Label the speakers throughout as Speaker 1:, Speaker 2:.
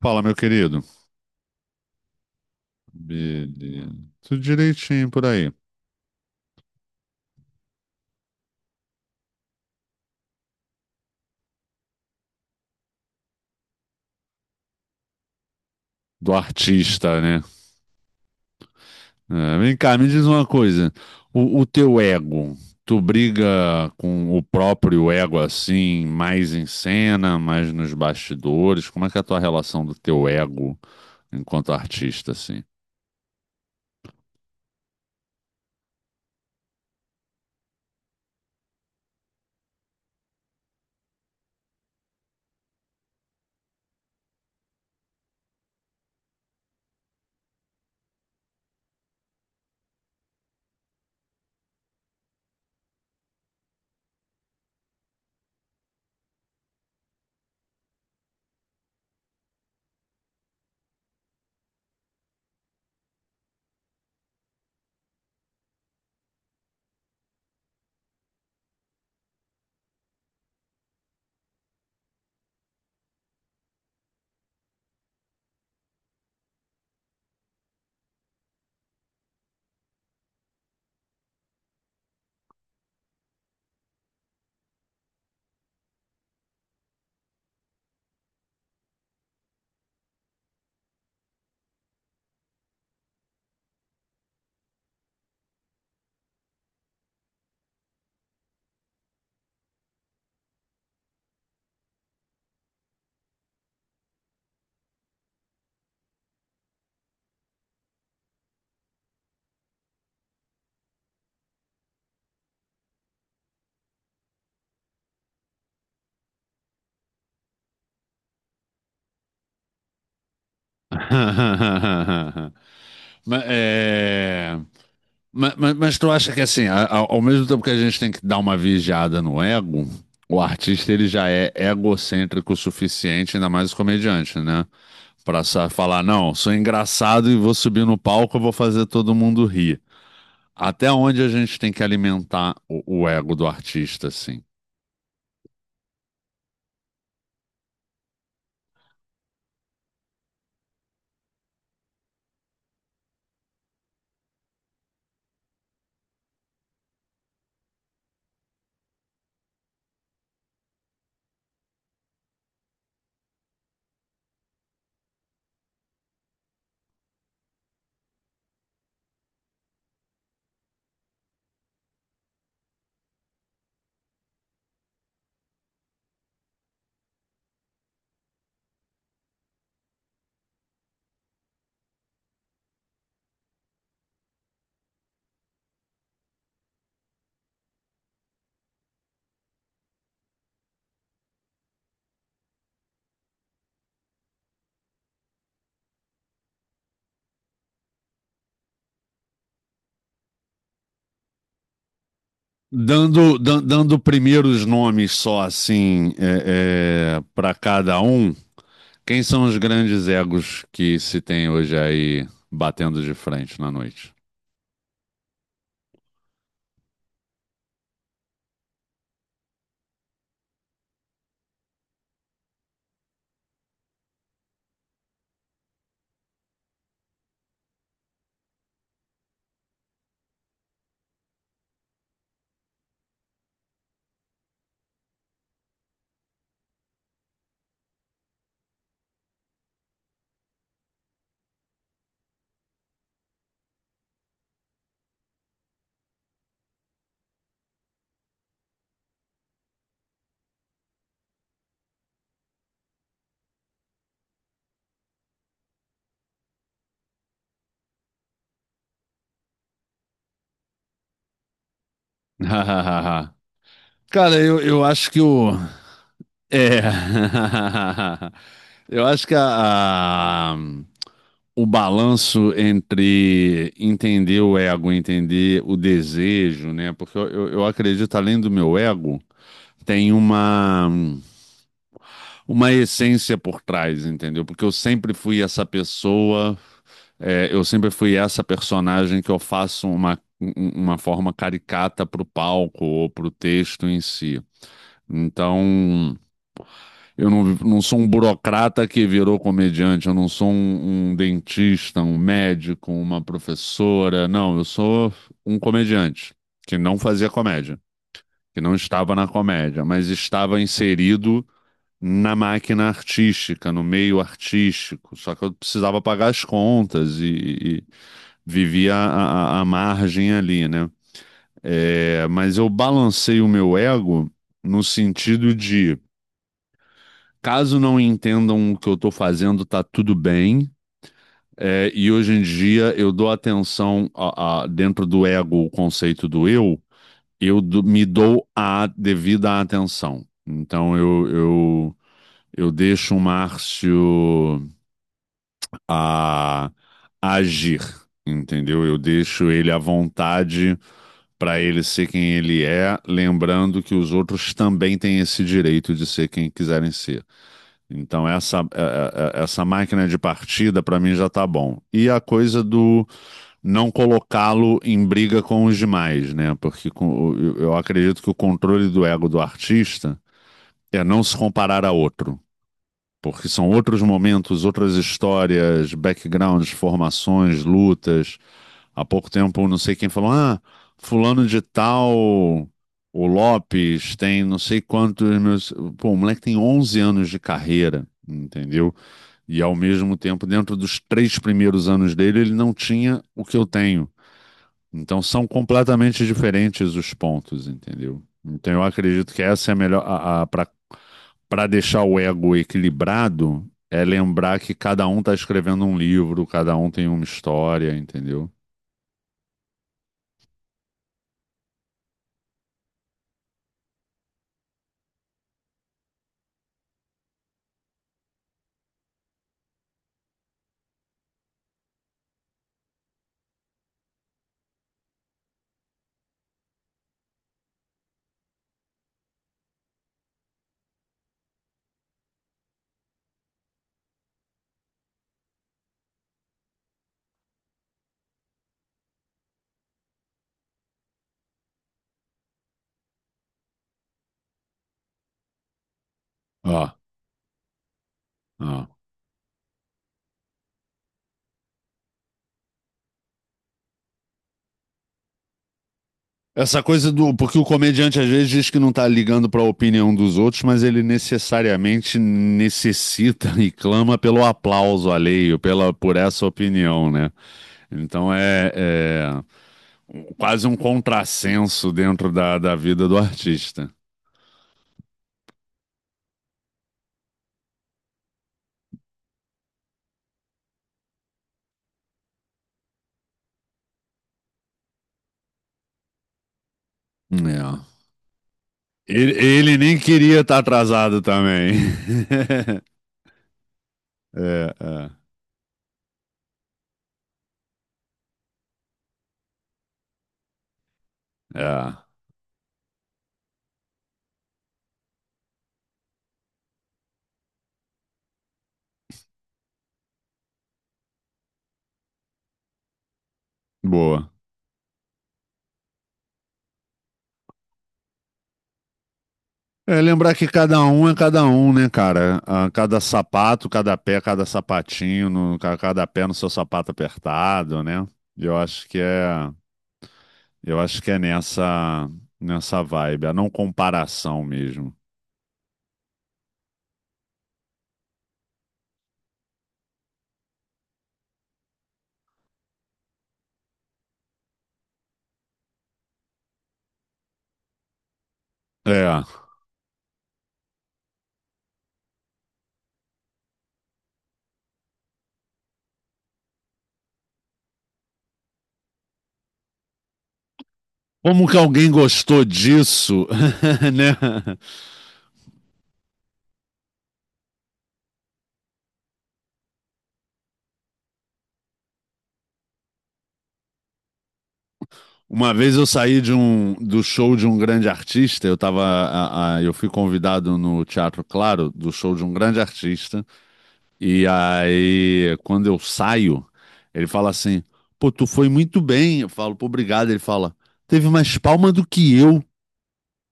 Speaker 1: Fala, meu querido. Beleza. Tudo direitinho por aí. Do artista, né? É, vem cá, me diz uma coisa. O teu ego, tu briga com o próprio ego assim, mais em cena, mais nos bastidores? Como é que é a tua relação do teu ego enquanto artista, assim? Mas, é... Mas, mas tu acha que assim, ao mesmo tempo que a gente tem que dar uma vigiada no ego, o artista ele já é egocêntrico o suficiente, ainda mais o comediante, né? Pra só falar, não, sou engraçado e vou subir no palco, eu vou fazer todo mundo rir. Até onde a gente tem que alimentar o ego do artista, assim? Dando primeiros nomes só assim para cada um, quem são os grandes egos que se tem hoje aí batendo de frente na noite? Cara, eu acho que o. É. Eu acho que o balanço entre entender o ego, entender o desejo, né? Porque eu acredito, além do meu ego, tem uma essência por trás, entendeu? Porque eu sempre fui essa pessoa, eu sempre fui essa personagem que eu faço uma forma caricata pro palco ou pro texto em si. Então. Eu não sou um burocrata que virou comediante, eu não sou um dentista, um médico, uma professora. Não, eu sou um comediante que não fazia comédia, que não estava na comédia, mas estava inserido na máquina artística, no meio artístico. Só que eu precisava pagar as contas e, e vivia a margem ali, né? É, mas eu balancei o meu ego no sentido de caso não entendam o que eu estou fazendo, tá tudo bem. É, e hoje em dia eu dou atenção dentro do ego, o conceito do eu, me dou a devida atenção. Então eu deixo o Márcio a, a agir, entendeu? Eu deixo ele à vontade para ele ser quem ele é, lembrando que os outros também têm esse direito de ser quem quiserem ser. Então, essa, é- é- é- essa máquina de partida, para mim, já tá bom. E a coisa do não colocá-lo em briga com os demais, né? Porque com, o- eu acredito que o controle do ego do artista é não se comparar a outro. Porque são outros momentos, outras histórias, backgrounds, formações, lutas. Há pouco tempo, não sei quem falou, ah, fulano de tal, o Lopes tem não sei quantos meus... Pô, o moleque tem 11 anos de carreira, entendeu? E ao mesmo tempo, dentro dos três primeiros anos dele, ele não tinha o que eu tenho. Então são completamente diferentes os pontos, entendeu? Então eu acredito que essa é a melhor. Para deixar o ego equilibrado, é lembrar que cada um está escrevendo um livro, cada um tem uma história, entendeu? Ó, ah, ó. Ah. Essa coisa do. Porque o comediante às vezes diz que não tá ligando pra opinião dos outros, mas ele necessariamente necessita e clama pelo aplauso alheio, pela, por essa opinião, né? Então é um- quase um contrassenso dentro da vida do artista. É. Ele nem queria estar atrasado também. É, é. Boa. É lembrar que cada um é cada um, né, cara? Ah, cada sapato, cada pé, cada sapatinho, cada pé no seu sapato apertado, né? Eu acho que é, eu acho que é nessa vibe, a não comparação mesmo. É. Como que alguém gostou disso, né? Uma vez eu saí de um do show de um grande artista, eu tava, eu fui convidado no Teatro Claro do show de um grande artista. E aí, quando eu saio, ele fala assim: pô, tu foi muito bem. Eu falo, pô, obrigado. Ele fala, teve mais palma do que eu.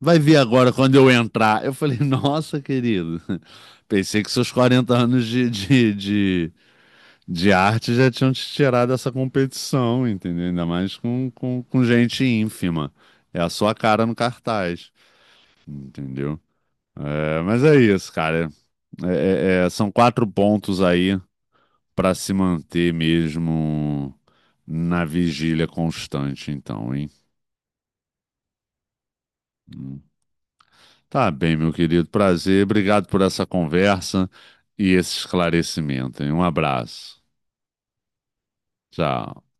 Speaker 1: Vai ver agora quando eu entrar. Eu falei, nossa, querido, pensei que seus 40 anos de arte já tinham te tirado dessa competição, entendeu? Ainda mais com gente ínfima. É a sua cara no cartaz, entendeu? É, mas é isso, cara. São 4 pontos aí para se manter mesmo na vigília constante, então, hein? Hum. Tá bem, meu querido. Prazer. Obrigado por essa conversa e esse esclarecimento, hein? Um abraço. Tchau.